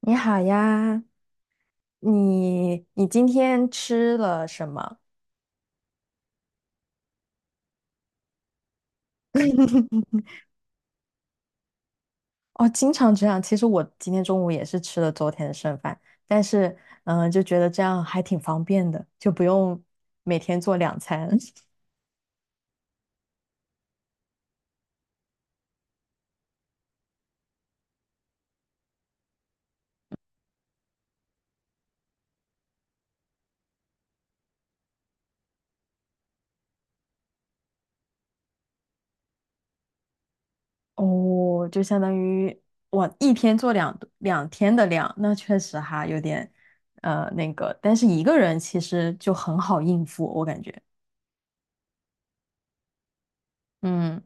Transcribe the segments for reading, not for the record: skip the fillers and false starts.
你好呀，你今天吃了什么？哦，经常这样。其实我今天中午也是吃了昨天的剩饭，但是就觉得这样还挺方便的，就不用每天做两餐。哦，就相当于我一天做两天的量，那确实哈有点，但是一个人其实就很好应付，我感觉，嗯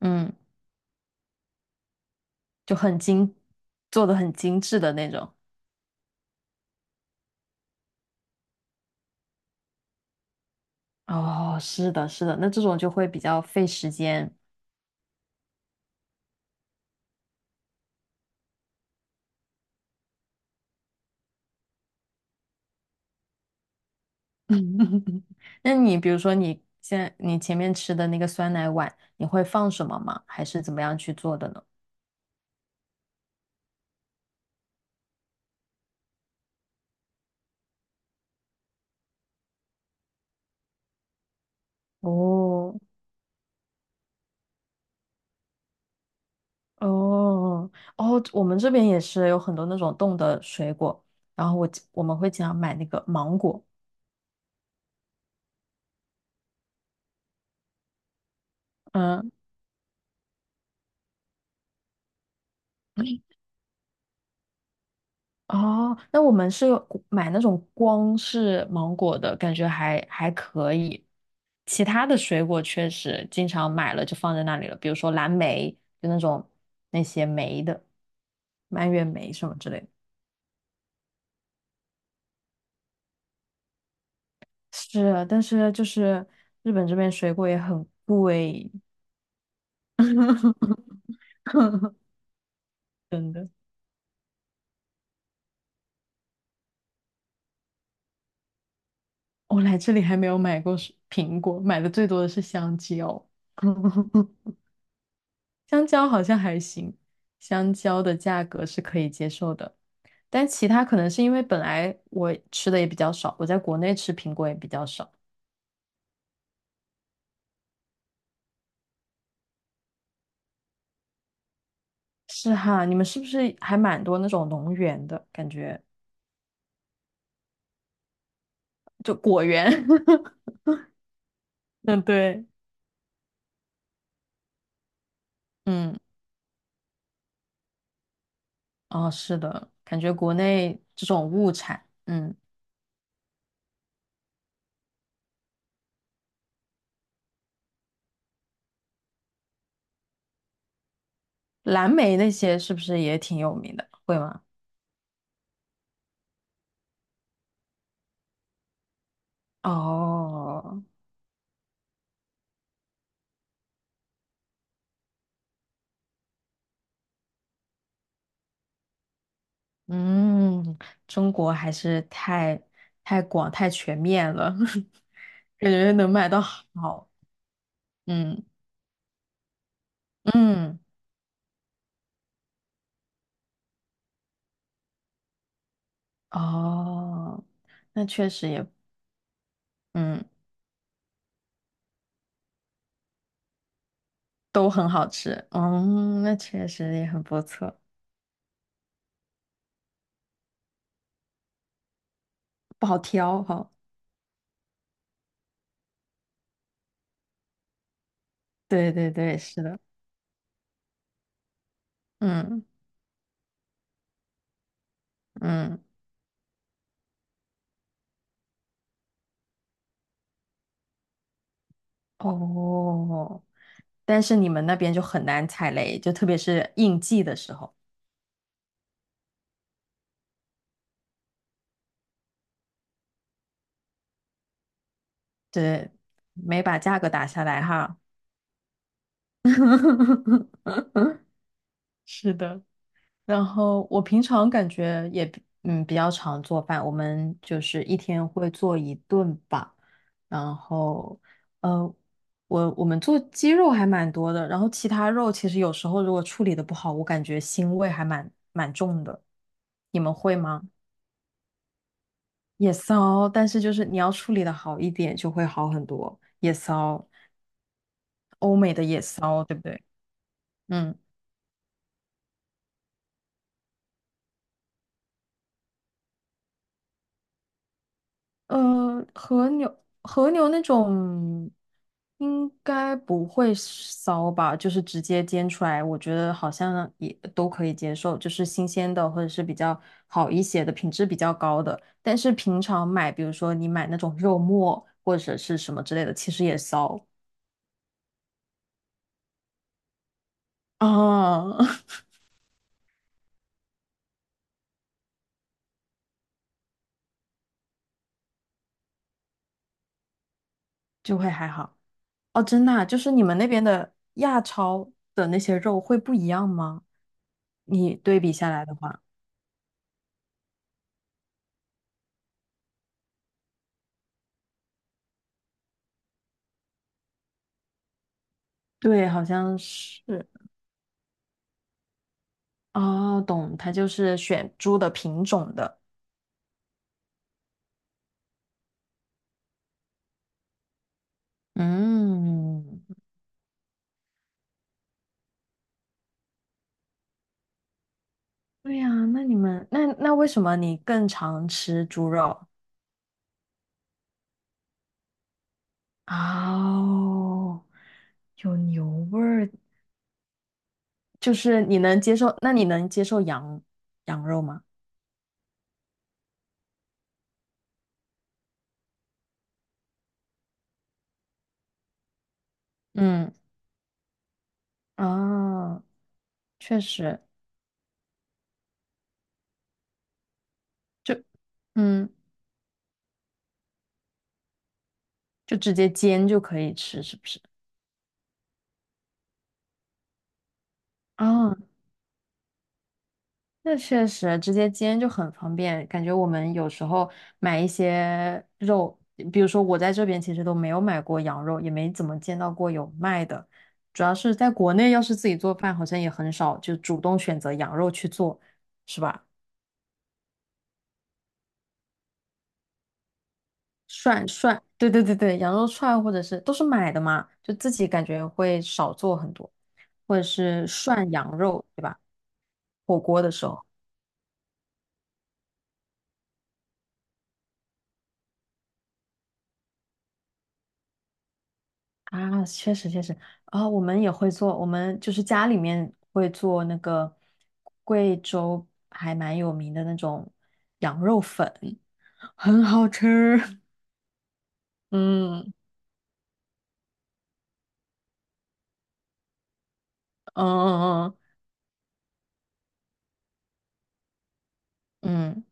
嗯，就很精，做的很精致的那种。哦，是的，是的，那这种就会比较费时间。那你比如说你现在你前面吃的那个酸奶碗，你会放什么吗？还是怎么样去做的呢？哦哦哦，我们这边也是有很多那种冻的水果，然后我们会经常买那个芒果，嗯，哦，那我们是有买那种光是芒果的，感觉还可以。其他的水果确实经常买了就放在那里了，比如说蓝莓，就那种那些莓的，蔓越莓什么之类的。是啊，但是就是日本这边水果也很贵，真的。我来这里还没有买过水苹果，买的最多的是香蕉。香蕉好像还行，香蕉的价格是可以接受的，但其他可能是因为本来我吃的也比较少，我在国内吃苹果也比较少。是哈，你们是不是还蛮多那种农园的感觉？就果园？嗯，对，嗯，哦，是的，感觉国内这种物产，嗯，蓝莓那些是不是也挺有名的？会吗？哦，嗯，中国还是太广太全面了，感觉能买到好。嗯嗯，哦，那确实也，嗯，都很好吃。嗯，那确实也很不错，不好挑哈。对对对，是的。嗯嗯，哦，但是你们那边就很难踩雷，就特别是应季的时候，对，没把价格打下来哈。是的，然后我平常感觉也比较常做饭，我们就是一天会做一顿吧。然后呃，我们做鸡肉还蛮多的，然后其他肉其实有时候如果处理的不好，我感觉腥味还蛮重的。你们会吗？也骚，但是就是你要处理的好一点就会好很多。也骚，欧美的也骚，对不对？嗯。和牛那种应该不会骚吧，就是直接煎出来，我觉得好像也都可以接受，就是新鲜的或者是比较好一些的，品质比较高的。但是平常买，比如说你买那种肉末或者是什么之类的，其实也骚啊，就会还好。哦，真的啊就是你们那边的亚超的那些肉会不一样吗？你对比下来的话，对，好像是。哦，懂，它就是选猪的品种的。嗯，对呀，那你们那为什么你更常吃猪肉？哦，有牛味儿，就是你能接受？那你能接受羊肉吗？嗯，哦，确实，就嗯，就直接煎就可以吃，是不是？哦，那确实，直接煎就很方便。感觉我们有时候买一些肉，比如说我在这边其实都没有买过羊肉，也没怎么见到过有卖的。主要是在国内，要是自己做饭，好像也很少就主动选择羊肉去做，是吧？涮涮，对对对对，羊肉串或者是都是买的嘛，就自己感觉会少做很多，或者是涮羊肉，对吧？火锅的时候。啊，确实确实啊，我们也会做，我们就是家里面会做那个贵州还蛮有名的那种羊肉粉，很好吃。嗯嗯嗯嗯，嗯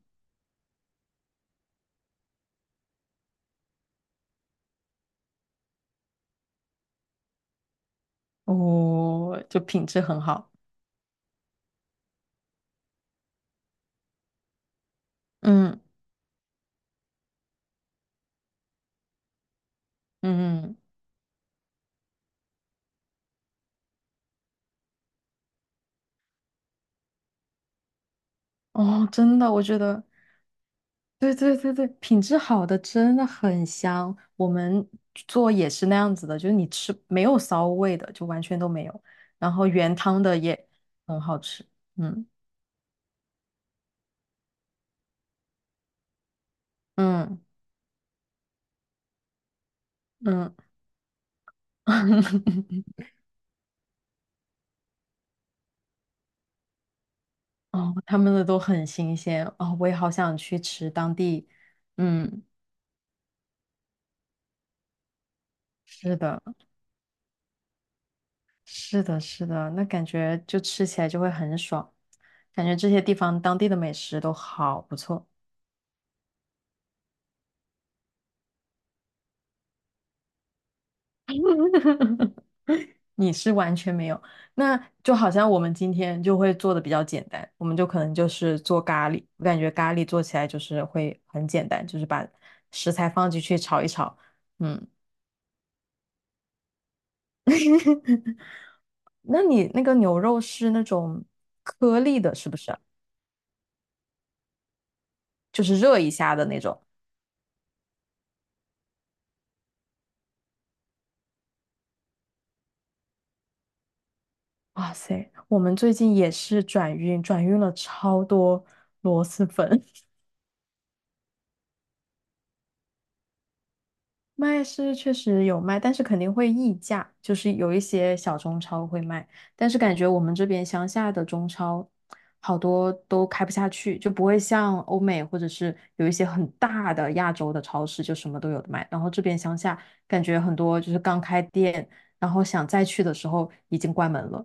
哦，就品质很好。嗯嗯，嗯哦，真的，我觉得。对对对对，品质好的真的很香。我们做也是那样子的，就是你吃没有骚味的，就完全都没有。然后原汤的也很好吃，嗯嗯嗯，哦，他们的都很新鲜哦，我也好想去吃当地。嗯，是的，是的，是的，那感觉就吃起来就会很爽，感觉这些地方当地的美食都好不错。你是完全没有，那就好像我们今天就会做的比较简单，我们就可能就是做咖喱，我感觉咖喱做起来就是会很简单，就是把食材放进去炒一炒。嗯，那你那个牛肉是那种颗粒的，是不是啊就是热一下的那种。哇塞，我们最近也是转运，转运了超多螺蛳粉。卖是确实有卖，但是肯定会溢价，就是有一些小中超会卖，但是感觉我们这边乡下的中超好多都开不下去，就不会像欧美或者是有一些很大的亚洲的超市就什么都有的卖，然后这边乡下感觉很多就是刚开店，然后想再去的时候已经关门了。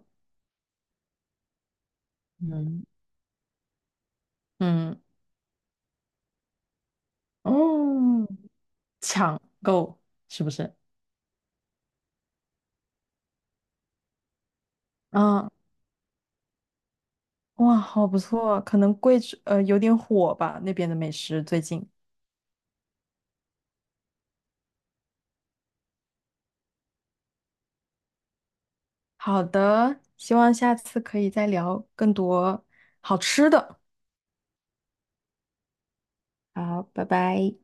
嗯，嗯，哦，抢购是不是？啊，哇，好不错，可能贵，有点火吧，那边的美食最近。好的，希望下次可以再聊更多好吃的。好，拜拜。